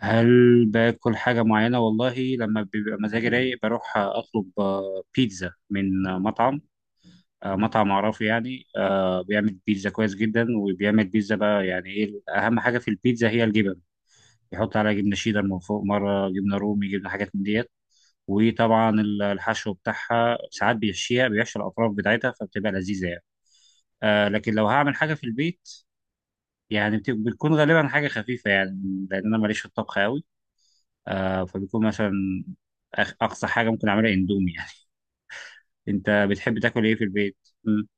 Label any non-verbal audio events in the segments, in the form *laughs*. هل باكل حاجة معينة؟ والله لما بيبقى مزاجي رايق بروح أطلب بيتزا من مطعم أعرفه، يعني بيعمل بيتزا كويس جدا، وبيعمل بيتزا. بقى يعني إيه أهم حاجة في البيتزا؟ هي الجبن. يحط عليها جبنة شيدر من فوق، مرة جبنة رومي، جبنة، حاجات من ديت. وطبعا الحشو بتاعها ساعات بيحشي الأطراف بتاعتها، فبتبقى لذيذة يعني. لكن لو هعمل حاجة في البيت، يعني بتكون غالبا حاجة خفيفة، يعني لأن أنا ماليش في الطبخ أوي. فبيكون مثلا، أقصى حاجة ممكن أعملها إندومي يعني. *laughs* أنت بتحب تاكل إيه في البيت؟ مم.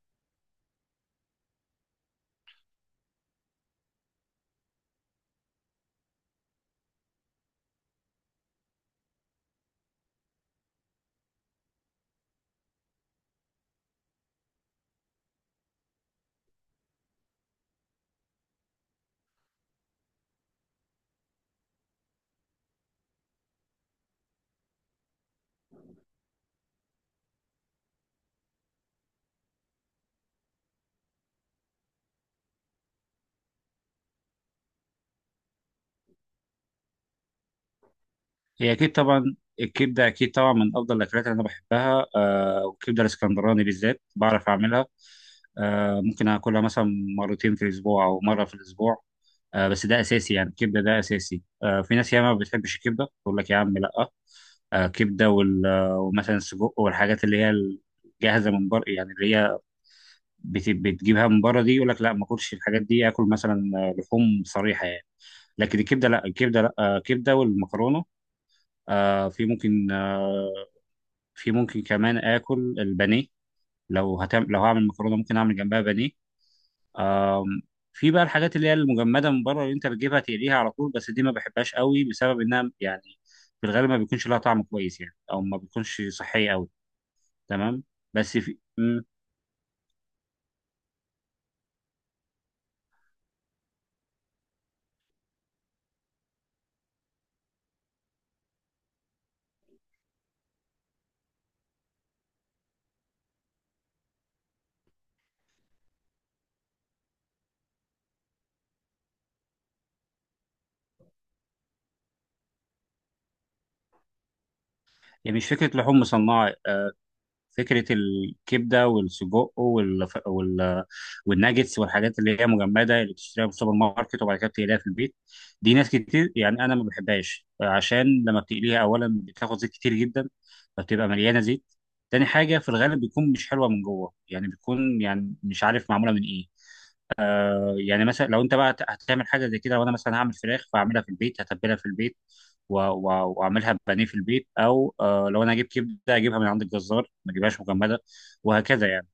هي أكيد طبعا الكبدة، أكيد طبعا من أفضل الأكلات اللي أنا بحبها. آه، والكبدة الإسكندراني بالذات بعرف أعملها. آه، ممكن أكلها مثلا مرتين في الأسبوع أو مرة في الأسبوع. آه، بس ده أساسي، يعني الكبدة ده أساسي. آه، في ناس ياما ما بتحبش الكبدة، تقول لك يا عم لأ. آه، كبدة ومثلا السجق والحاجات اللي هي الجاهزة من بره، يعني اللي هي بتجيبها من بره دي، يقول لك لا ما اكلش الحاجات دي، اكل مثلا لحوم صريحه يعني. لكن الكبده لا، الكبده لا، كبده والمكرونه. آه، في ممكن آه، في ممكن كمان اكل البانيه. لو هعمل مكرونه ممكن اعمل جنبها بانيه. آم، في بقى الحاجات اللي هي المجمده من بره، اللي انت بتجيبها تقليها على طول، بس دي ما بحبهاش قوي بسبب انها يعني في الغالب ما بيكونش لها طعم كويس، يعني او ما بيكونش صحيه قوي. تمام. بس في يعني مش فكره لحوم مصنعه. فكرة الكبدة والسجق والناجتس والحاجات اللي هي مجمدة، اللي بتشتريها في السوبر ماركت وبعد كده بتقليها في البيت. دي ناس كتير يعني أنا ما بحبهاش، عشان لما بتقليها أولا بتاخد زيت كتير جدا، فبتبقى مليانة زيت. تاني حاجة في الغالب بيكون مش حلوة من جوه، يعني بيكون يعني مش عارف معمولة من إيه. يعني مثلا لو انت بقى هتعمل حاجه زي كده، وانا مثلا هعمل فراخ فاعملها في البيت، هتبلها في البيت واعملها بانيه في البيت، او لو انا اجيب كبده اجيبها من عند الجزار، ما اجيبهاش مجمده، وهكذا يعني.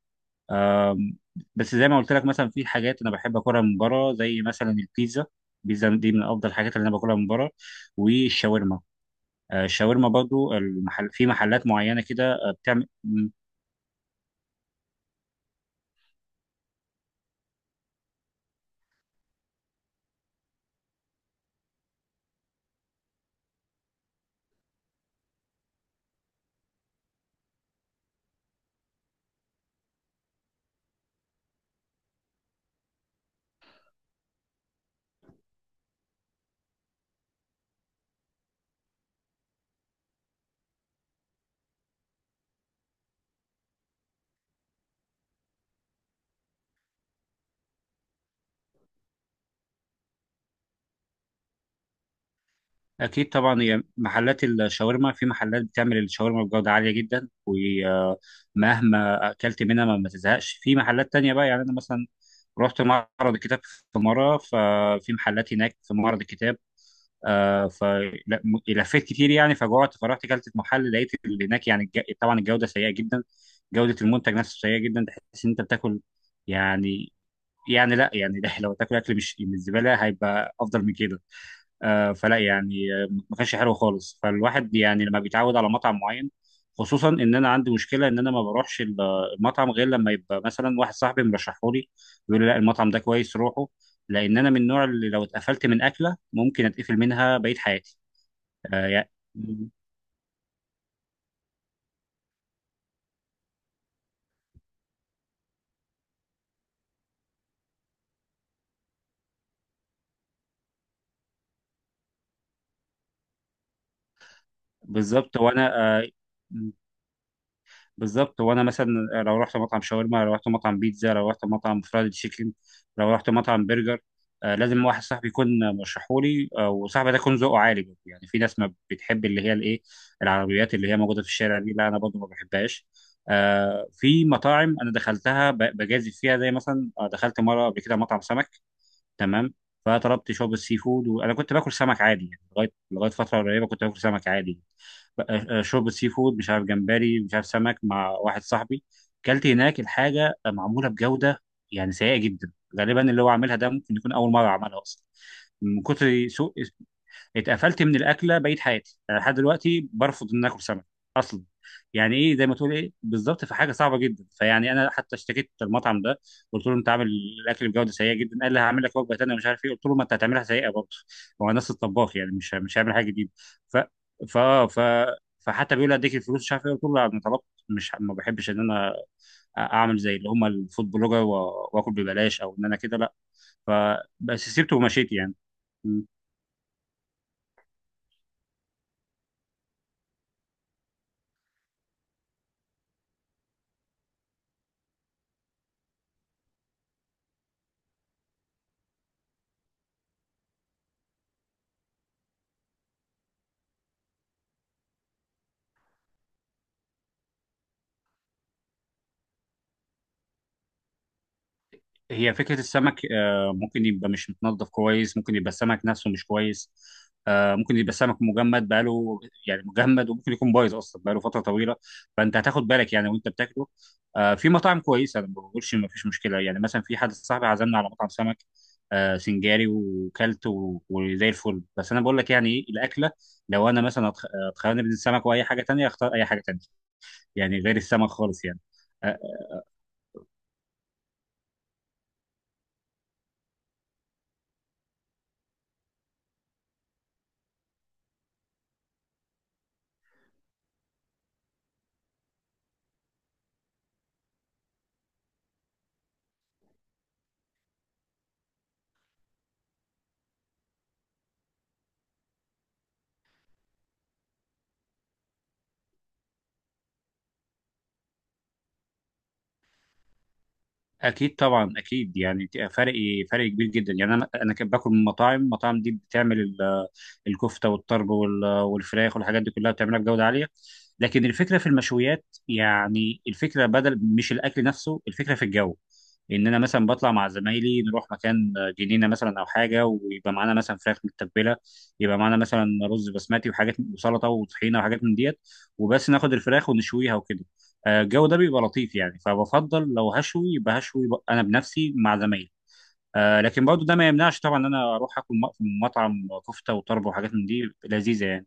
أم، بس زي ما قلت لك، مثلا في حاجات انا بحب اكلها من بره، زي مثلا البيتزا. البيتزا دي من افضل الحاجات اللي انا باكلها من بره. والشاورما. الشاورما برضو، المحل في محلات معينه كده بتعمل. اكيد طبعا، هي محلات الشاورما، في محلات بتعمل الشاورما بجوده عاليه جدا، ومهما اكلت منها ما تزهقش. في محلات تانية بقى يعني، انا مثلا رحت معرض الكتاب في مره، ففي محلات هناك في معرض الكتاب. فلفيت كتير يعني فجوعت، فرحت اكلت في محل لقيت اللي هناك يعني، طبعا الجوده سيئه جدا، جوده المنتج نفسه سيئه جدا، تحس ان انت بتاكل يعني، يعني لا يعني، *laughs* لو تاكل اكل مش من الزباله هيبقى افضل من كده. آه، فلا يعني آه، ما كانش حلو خالص. فالواحد يعني لما بيتعود على مطعم معين، خصوصا ان انا عندي مشكله ان انا ما بروحش المطعم غير لما يبقى مثلا واحد صاحبي مرشحه لي، بيقول لي لا المطعم ده كويس روحه، لان انا من النوع اللي لو اتقفلت من اكله ممكن اتقفل منها بقيه حياتي. آه، يعني بالظبط وانا آه، بالظبط، وانا مثلا لو رحت مطعم شاورما، لو رحت مطعم بيتزا، لو رحت مطعم فرايد تشيكن، لو رحت مطعم برجر، آه، لازم واحد صاحبي يكون مرشحولي، آه، وصاحبي ده يكون ذوقه عالي برضه. يعني في ناس ما بتحب اللي هي الايه، العربيات اللي هي موجوده في الشارع دي، لا انا برضه ما بحبهاش. آه، في مطاعم انا دخلتها بجازف فيها، زي مثلا دخلت مره قبل كده مطعم سمك. تمام. فطلبت شوربه سي فود، وانا كنت باكل سمك عادي، يعني لغايه فتره قريبه كنت باكل سمك عادي. شوربه سي فود، مش عارف جمبري، مش عارف سمك، مع واحد صاحبي. كلت هناك الحاجه معموله بجوده، يعني سيئه جدا. غالبا اللي هو عاملها ده ممكن يكون اول مره عملها اصلا، من كتر سوء. اتقفلت من الاكله بقيت حياتي، أنا لحد دلوقتي برفض ان اكل سمك اصلا. يعني ايه زي ما تقول ايه، بالظبط، في حاجه صعبه جدا. فيعني انا حتى اشتكيت المطعم ده، قلت له انت عامل الاكل بجوده سيئه جدا، قال لي هعمل لك وجبه تانيه مش عارف ايه، قلت له ما انت هتعملها سيئه برضه، هو نفس الطباخ يعني، مش هيعمل حاجه جديده. ف ف ف فحتى بيقول لي اديك الفلوس مش عارف ايه، قلت له لا، انا طلبت، مش ما بحبش ان انا اعمل زي اللي هم الفود بلوجر واكل ببلاش، او ان انا كده لا. فبس سيبته ومشيت يعني. هي فكرة السمك، ممكن يبقى مش متنظف كويس، ممكن يبقى السمك نفسه مش كويس، ممكن يبقى السمك مجمد بقاله *laughs* يعني مجمد، وممكن يكون بايظ أصلا بقاله فترة طويلة. فأنت هتاخد بالك يعني وأنت بتاكله. في مطاعم كويسة، أنا ما بقولش ما فيش مشكلة، يعني مثلا في حد صاحبي عزمنا على مطعم سمك سنجاري، وكلت وزي الفل. بس أنا بقول لك يعني إيه الأكلة، لو أنا مثلا اتخيرني بين السمك وأي حاجة تانية، أختار أي حاجة تانية يعني، غير السمك خالص يعني. آه، اكيد طبعا، اكيد يعني فرق، فرق كبير جدا. يعني انا كنت باكل من مطاعم، المطاعم دي بتعمل الكفته والطرب والفراخ والحاجات دي كلها، بتعملها بجوده عاليه. لكن الفكره في المشويات، يعني الفكره بدل مش الاكل نفسه، الفكره في الجو، ان انا مثلا بطلع مع زمايلي نروح مكان، جنينه مثلا او حاجه، ويبقى معانا مثلا فراخ متبله، يبقى معانا مثلا رز بسمتي وحاجات وسلطه وطحينه وحاجات من ديت، وبس ناخد الفراخ ونشويها وكده. الجو ده بيبقى لطيف يعني، فبفضل لو هشوي يبقى هشوي انا بنفسي مع زمايلي. لكن برضو ده ما يمنعش طبعا ان انا اروح اكل في مطعم كفته وطرب وحاجات من دي لذيذه يعني.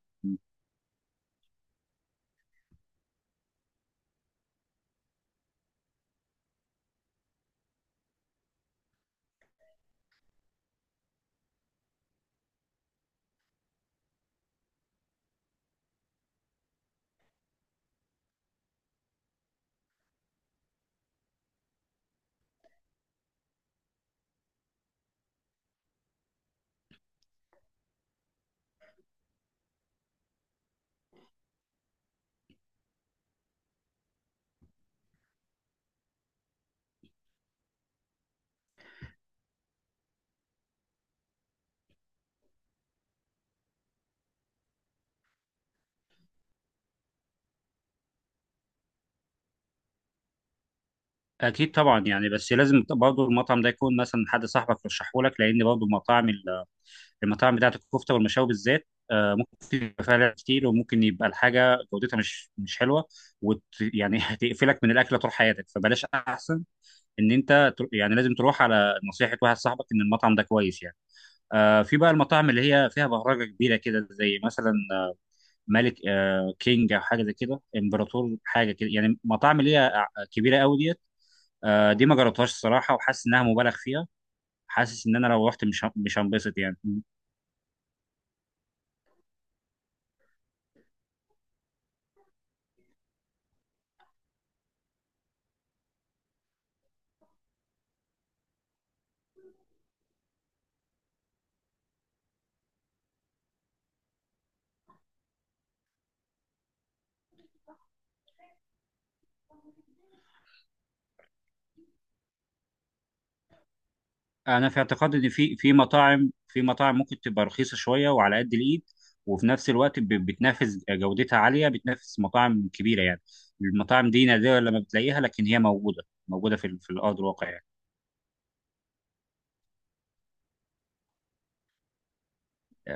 اكيد طبعا، يعني بس لازم برضو المطعم ده يكون مثلا حد صاحبك يرشحه لك، لان برضو مطاعم المطاعم بتاعت الكفته والمشاوي بالذات، ممكن يبقى فيها لعب كتير، وممكن يبقى الحاجه جودتها مش حلوه، وت يعني *laughs* هتقفلك من الاكله طول حياتك، فبلاش احسن ان انت يعني لازم تروح على نصيحه واحد صاحبك ان المطعم ده كويس يعني. في بقى المطاعم اللي هي فيها بهرجة كبيرة كده، زي مثلا ملك، كينج، أو حاجة زي كده، إمبراطور، حاجة كده يعني، مطاعم اللي هي كبيرة قوي ديت. دي ما جربتهاش الصراحة، وحاسس إنها مبالغ فيها. حاسس إن أنا لو رحت مش هنبسط يعني. أنا في اعتقادي إن في مطاعم، مطاعم ممكن تبقى رخيصة شوية وعلى قد الإيد، وفي نفس الوقت بتنافس، جودتها عالية، بتنافس مطاعم كبيرة يعني. المطاعم دي نادرة لما بتلاقيها، لكن هي موجودة، موجودة في في الأرض الواقع يعني.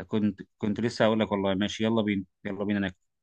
كنت لسه هقول لك والله ماشي، يلا بينا، يلا بينا ناكل.